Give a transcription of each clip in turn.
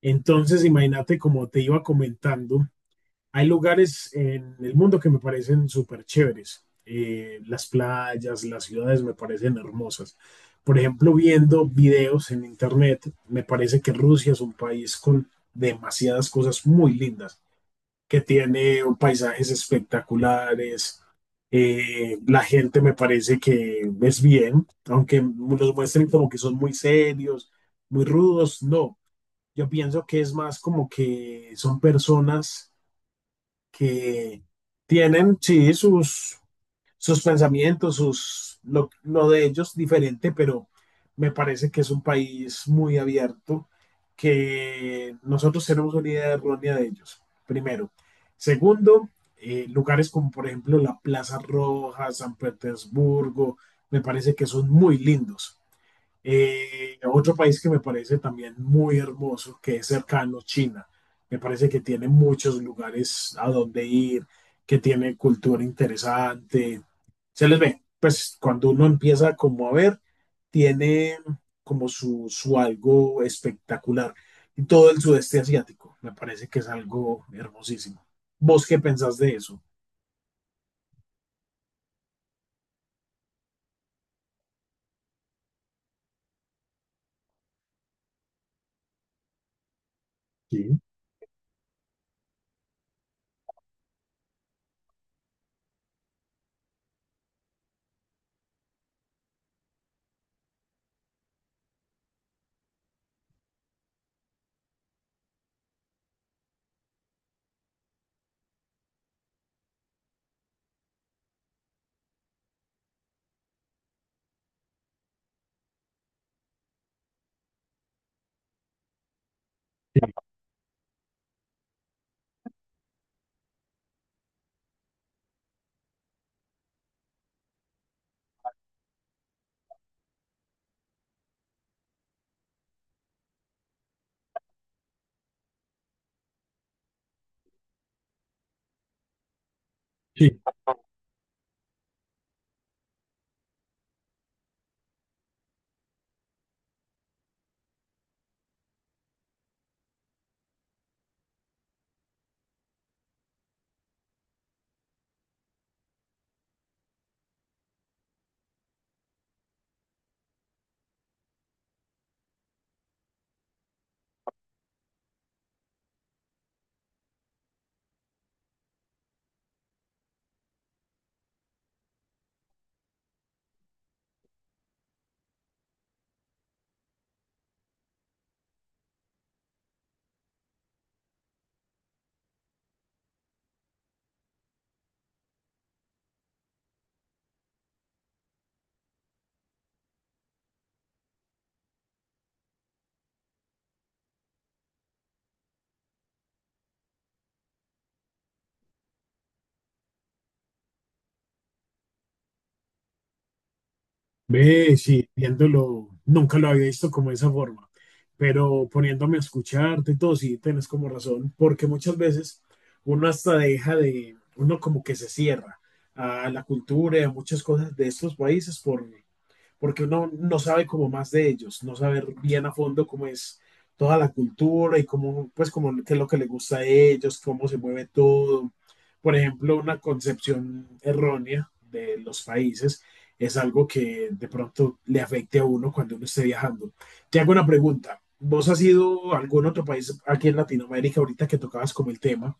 Entonces, imagínate, como te iba comentando, hay lugares en el mundo que me parecen súper chéveres. Las playas, las ciudades me parecen hermosas. Por ejemplo, viendo videos en internet, me parece que Rusia es un país con demasiadas cosas muy lindas, que tiene paisajes espectaculares. La gente me parece que es bien, aunque los muestren como que son muy serios, muy rudos, no. Yo pienso que es más como que son personas que tienen, sí, sus pensamientos, lo de ellos diferente, pero me parece que es un país muy abierto, que nosotros tenemos una idea errónea de ellos, primero. Segundo, lugares como por ejemplo la Plaza Roja, San Petersburgo, me parece que son muy lindos. Otro país que me parece también muy hermoso, que es cercano, China. Me parece que tiene muchos lugares a donde ir, que tiene cultura interesante. Se les ve, pues cuando uno empieza como a ver, tiene como su algo espectacular. Y todo el sudeste asiático, me parece que es algo hermosísimo. ¿Vos qué pensás de eso? Sí, sí. Ve, sí, viéndolo, nunca lo había visto como de esa forma, pero poniéndome a escucharte y todo, sí, tienes como razón, porque muchas veces uno hasta deja de, uno como que se cierra a la cultura y a muchas cosas de estos países por, porque uno no sabe como más de ellos, no saber bien a fondo cómo es toda la cultura y cómo, pues, cómo qué es lo que les gusta a ellos, cómo se mueve todo. Por ejemplo, una concepción errónea de los países es algo que de pronto le afecte a uno cuando uno esté viajando. Te hago una pregunta. ¿Vos has ido a algún otro país aquí en Latinoamérica ahorita que tocabas como el tema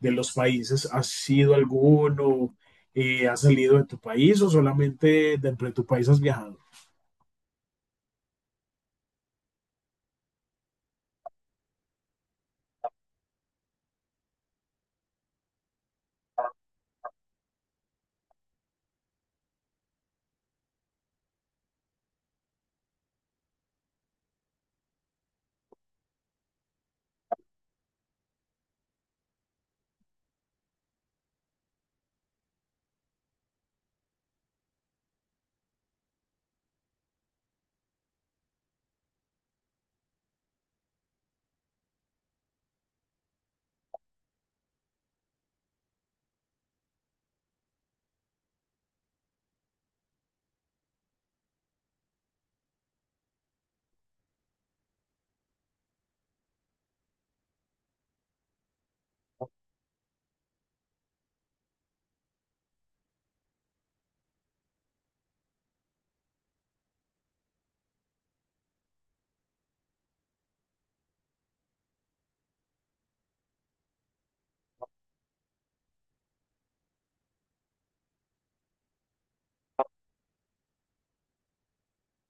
de los países? ¿Has ido a alguno? ¿Has salido de tu país o solamente dentro de tu país has viajado?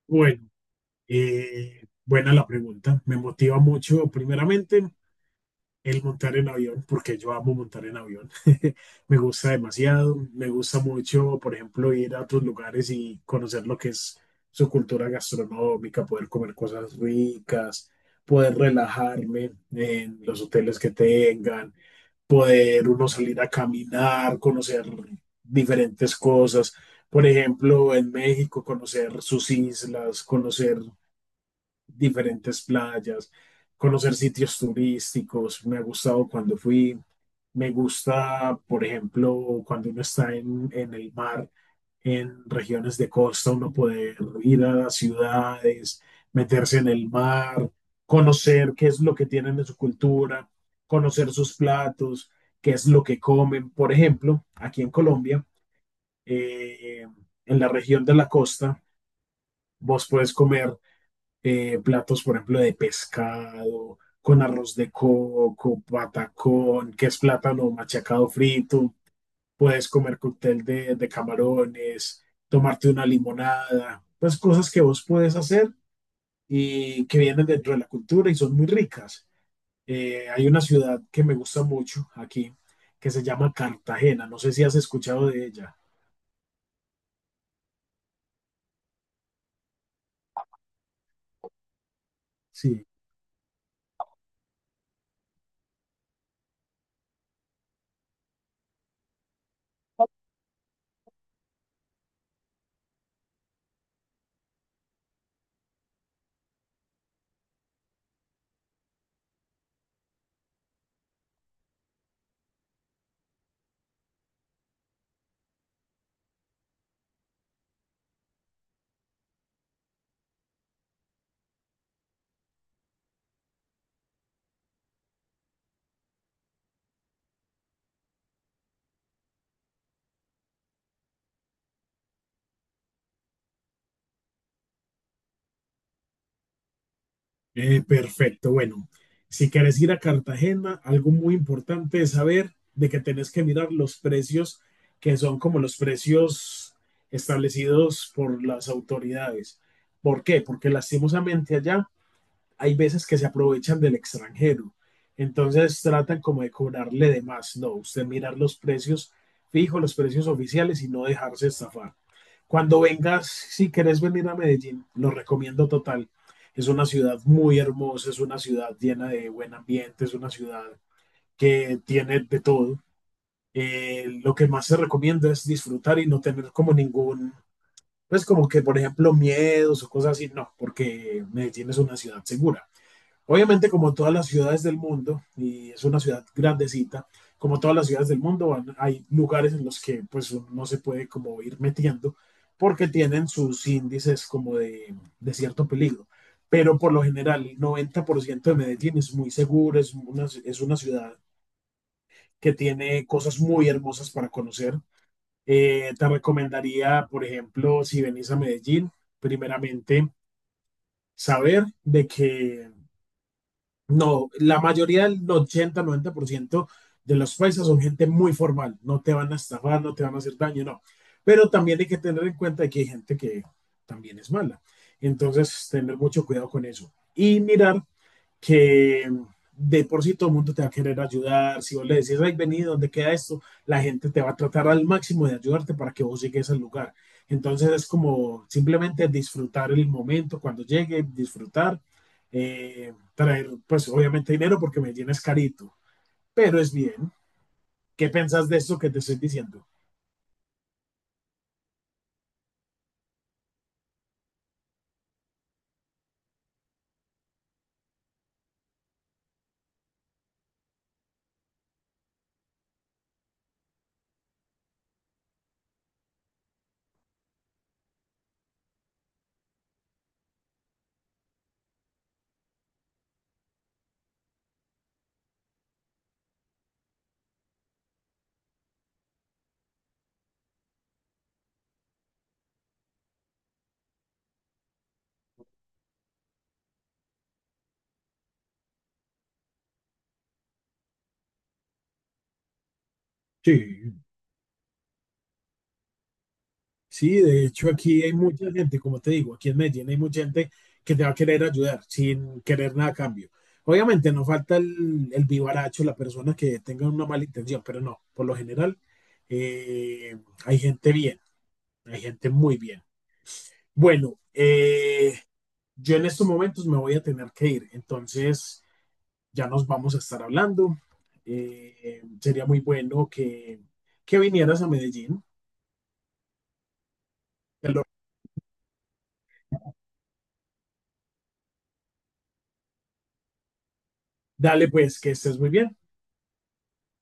Bueno, buena la pregunta. Me motiva mucho, primeramente, el montar en avión, porque yo amo montar en avión. Me gusta demasiado. Me gusta mucho, por ejemplo, ir a otros lugares y conocer lo que es su cultura gastronómica, poder comer cosas ricas, poder relajarme en los hoteles que tengan, poder uno salir a caminar, conocer diferentes cosas. Por ejemplo, en México, conocer sus islas, conocer diferentes playas, conocer sitios turísticos. Me ha gustado cuando fui. Me gusta, por ejemplo, cuando uno está en el mar, en regiones de costa, uno poder ir a las ciudades, meterse en el mar, conocer qué es lo que tienen en su cultura, conocer sus platos, qué es lo que comen. Por ejemplo, aquí en Colombia, eh, en la región de la costa, vos puedes comer platos, por ejemplo, de pescado, con arroz de coco, patacón, que es plátano machacado frito. Puedes comer cóctel de camarones, tomarte una limonada, pues cosas que vos puedes hacer y que vienen dentro de la cultura y son muy ricas. Hay una ciudad que me gusta mucho aquí, que se llama Cartagena. No sé si has escuchado de ella. Sí. Perfecto, bueno, si querés ir a Cartagena, algo muy importante es saber de que tenés que mirar los precios que son como los precios establecidos por las autoridades. ¿Por qué? Porque lastimosamente allá hay veces que se aprovechan del extranjero. Entonces tratan como de cobrarle de más. No, usted mirar los precios fijos, los precios oficiales y no dejarse estafar. Cuando vengas, si querés venir a Medellín, lo recomiendo total. Es una ciudad muy hermosa, es una ciudad llena de buen ambiente, es una ciudad que tiene de todo. Lo que más se recomienda es disfrutar y no tener como ningún, pues como que por ejemplo miedos o cosas así, no, porque Medellín es una ciudad segura. Obviamente, como todas las ciudades del mundo, y es una ciudad grandecita, como todas las ciudades del mundo, hay lugares en los que pues no se puede como ir metiendo porque tienen sus índices como de cierto peligro. Pero por lo general, el 90% de Medellín es muy seguro, es una ciudad que tiene cosas muy hermosas para conocer. Te recomendaría, por ejemplo, si venís a Medellín, primeramente saber de que no, la mayoría del 80, 90% de los paisas son gente muy formal, no te van a estafar, no te van a hacer daño, no. Pero también hay que tener en cuenta que hay gente que también es mala. Entonces, tener mucho cuidado con eso. Y mirar que de por sí todo el mundo te va a querer ayudar. Si vos le decís, ay, vení, ¿dónde queda esto? La gente te va a tratar al máximo de ayudarte para que vos llegues al lugar. Entonces es como simplemente disfrutar el momento cuando llegue, disfrutar, traer, pues obviamente dinero porque me es carito, pero es bien. ¿Qué pensás de esto que te estoy diciendo? Sí. Sí, de hecho aquí hay mucha gente, como te digo, aquí en Medellín hay mucha gente que te va a querer ayudar sin querer nada a cambio. Obviamente no falta el vivaracho, la persona que tenga una mala intención, pero no, por lo general eh, hay gente bien, hay gente muy bien. Bueno, yo en estos momentos me voy a tener que ir, entonces ya nos vamos a estar hablando. Sería muy bueno que vinieras a Medellín. Te lo- Dale pues, que estés muy bien.